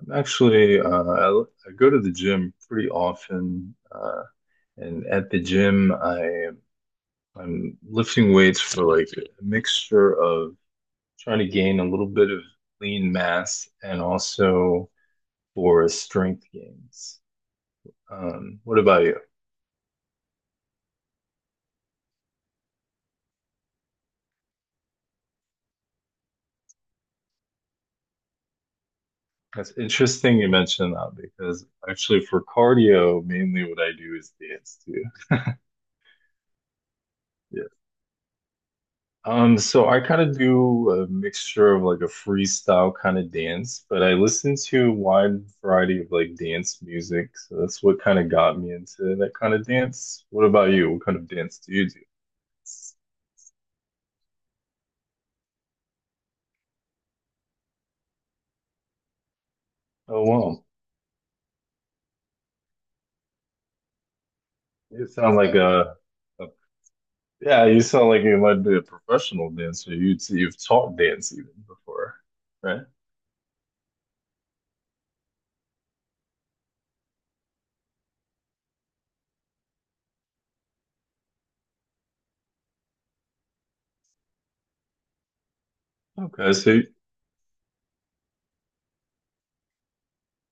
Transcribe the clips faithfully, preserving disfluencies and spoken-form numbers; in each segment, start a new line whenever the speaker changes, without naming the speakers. I'm actually, uh, I, I go to the gym pretty often, uh, and at the gym, I I'm lifting weights for like a mixture of trying to gain a little bit of lean mass and also for strength gains. Um, what about you? That's interesting you mentioned that because actually for cardio, mainly what I do is dance too. Yeah. Um, so I kind of do a mixture of like a freestyle kind of dance, but I listen to a wide variety of like dance music. So that's what kind of got me into that kind of dance. What about you? What kind of dance do you do? Oh, wow. You sound like a, a yeah, you sound like you might be a professional dancer. You you've taught dance even before, right? Okay, so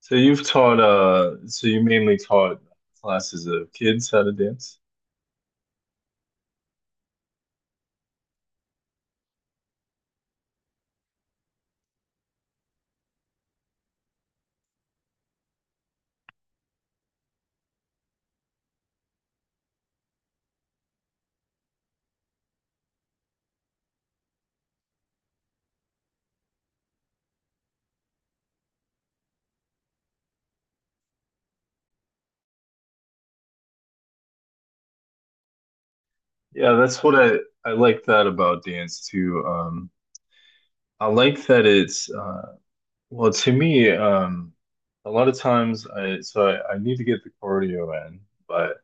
so you've taught uh so you mainly taught classes of kids how to dance? Yeah, that's what I I like that about dance too. Um, I like that it's uh, well, to me. Um, a lot of times, I so I, I need to get the cardio in, but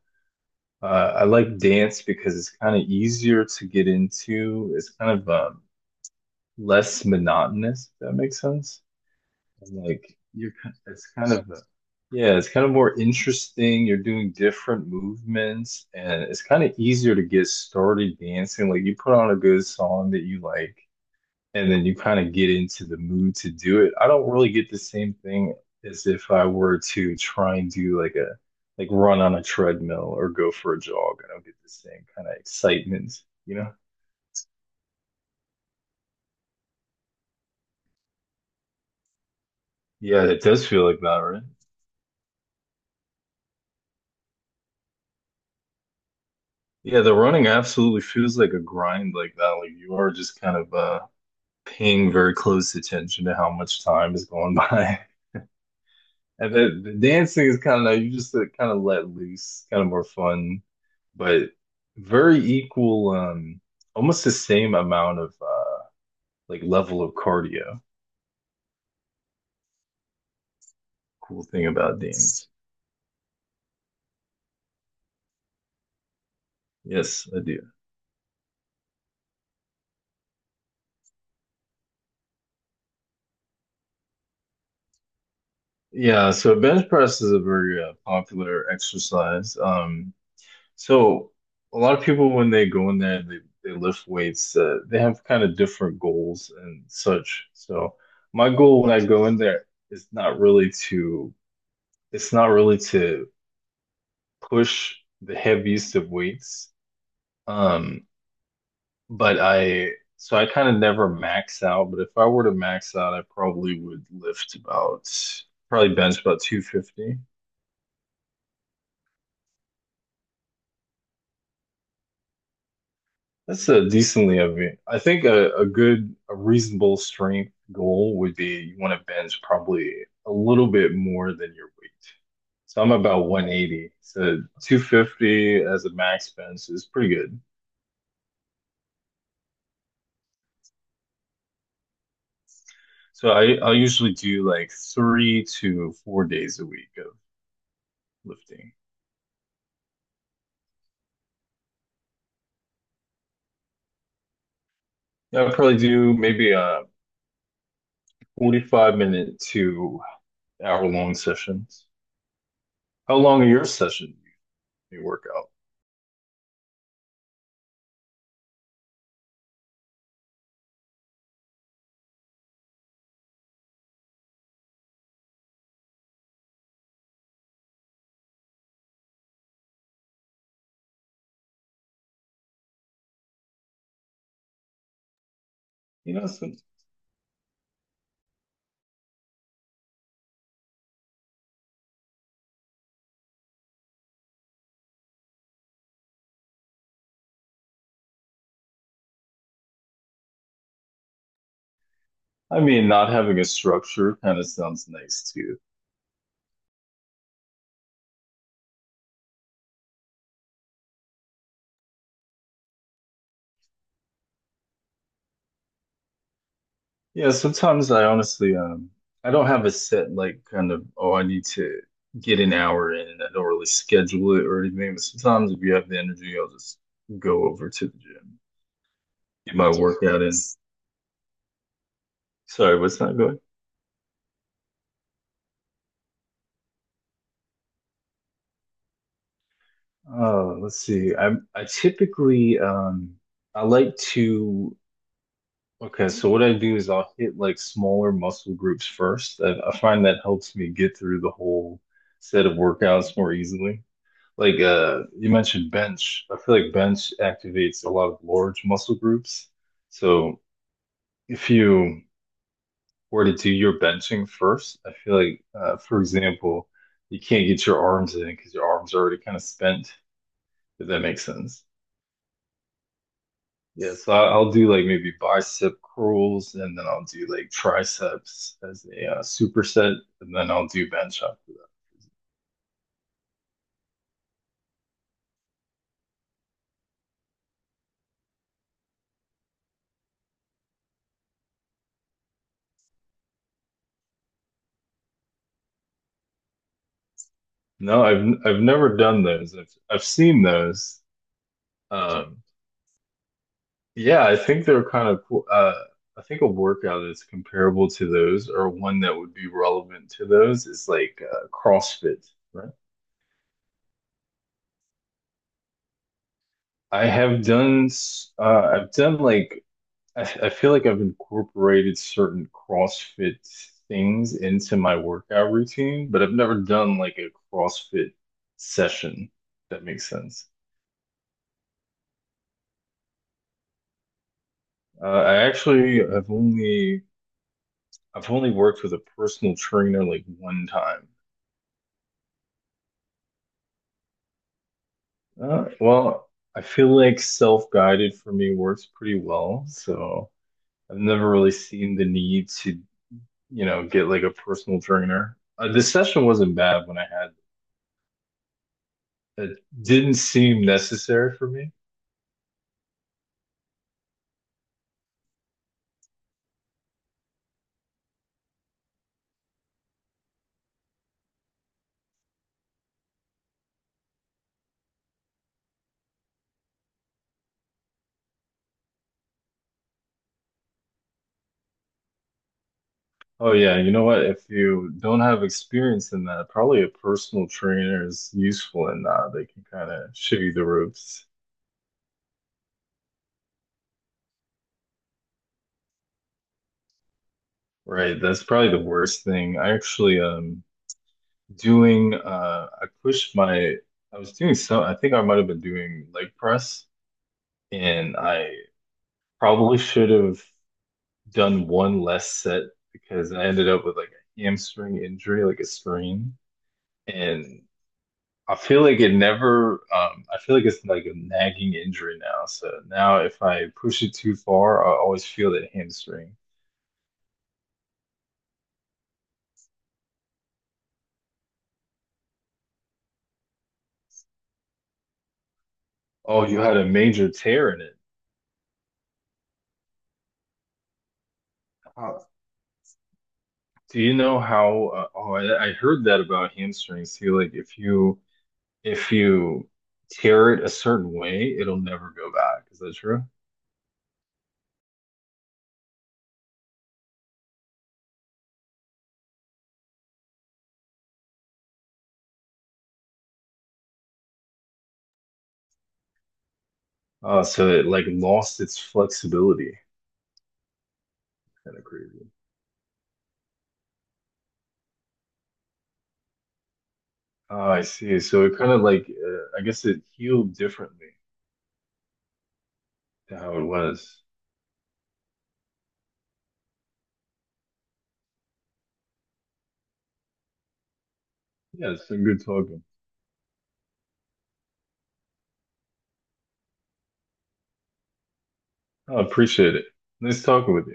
uh, I like dance because it's kind of easier to get into. It's kind of um, less monotonous, if that makes sense. And, like you're kind it's kind of a- yeah, it's kind of more interesting. You're doing different movements and it's kind of easier to get started dancing. Like you put on a good song that you like and then you kind of get into the mood to do it. I don't really get the same thing as if I were to try and do like a like run on a treadmill or go for a jog. I don't get the same kind of excitement, you know? Yeah, it does feel like that, right? Yeah, the running absolutely feels like a grind like that. Like you are just kind of uh paying very close attention to how much time is going by. And the, the dancing is kind of you just like, kind of let loose, kind of more fun, but very equal, um almost the same amount of uh like level of cardio. Cool thing about dance. Yes, I do. Yeah, so bench press is a very uh, popular exercise. Um, So a lot of people when they go in there and they, they lift weights, uh, they have kind of different goals and such. So my goal when I go in there is not really to it's not really to push the heaviest of weights. Um, but I so I kind of never max out, but if I were to max out, I probably would lift about probably bench about two fifty. That's a decently of it. I think a, a good, a reasonable strength goal would be you want to bench probably a little bit more than your weight. So I'm about one eighty. So two fifty as a max bench is pretty good. So I, I'll usually do like three to four days a week of lifting. I'll probably do maybe a forty-five minute to hour long sessions. How long are your sessions? You work out? You know, some, I mean, not having a structure kind of sounds nice too. Yeah, sometimes I honestly, um, I don't have a set like kind of, oh, I need to get an hour in. I don't really schedule it or anything. But sometimes if you have the energy, I'll just go over to the gym, get my workout in. Sorry, what's not going? Uh, let's see. I'm I typically um I like to okay, so what I do is I'll hit like smaller muscle groups first. I, I find that helps me get through the whole set of workouts more easily. Like uh, you mentioned bench. I feel like bench activates a lot of large muscle groups. So if you were to do your benching first, I feel like, uh, for example, you can't get your arms in because your arms are already kind of spent, if that makes sense. Yeah, so I- I'll do like maybe bicep curls and then I'll do like triceps as a uh, superset and then I'll do bench after that. No, I've I've never done those. I've I've seen those. Um, yeah, I think they're kind of cool. Uh, I think a workout that's comparable to those or one that would be relevant to those is like uh, CrossFit, right? I have done s- uh, I've done like I, I feel like I've incorporated certain CrossFit things into my workout routine, but I've never done like a CrossFit session, if that makes sense. Uh, I actually have only I've only worked with a personal trainer like one time. Uh, well, I feel like self-guided for me works pretty well, so I've never really seen the need to, you know, get like a personal trainer. Uh, the session wasn't bad when I had it. Didn't seem necessary for me. Oh yeah, you know what? If you don't have experience in that, probably a personal trainer is useful in that. They can kind of show you the ropes. Right. That's probably the worst thing. I actually um doing uh I pushed my I was doing some I think I might have been doing leg press and I probably should have done one less set because I ended up with like a hamstring injury, like a strain. And I feel like it never, um, I feel like it's like a nagging injury now. So now if I push it too far, I always feel that hamstring. Oh, you had a major tear in it. How, do you know how? Uh, oh, I, I heard that about hamstrings too. Like if you if you tear it a certain way, it'll never go back. Is that true? Uh, so it like lost its flexibility. Kind of crazy. Oh, I see. So it kind of like uh, I guess it healed differently to how it was. Yeah, it's been good talking. I appreciate it. Nice talking with you.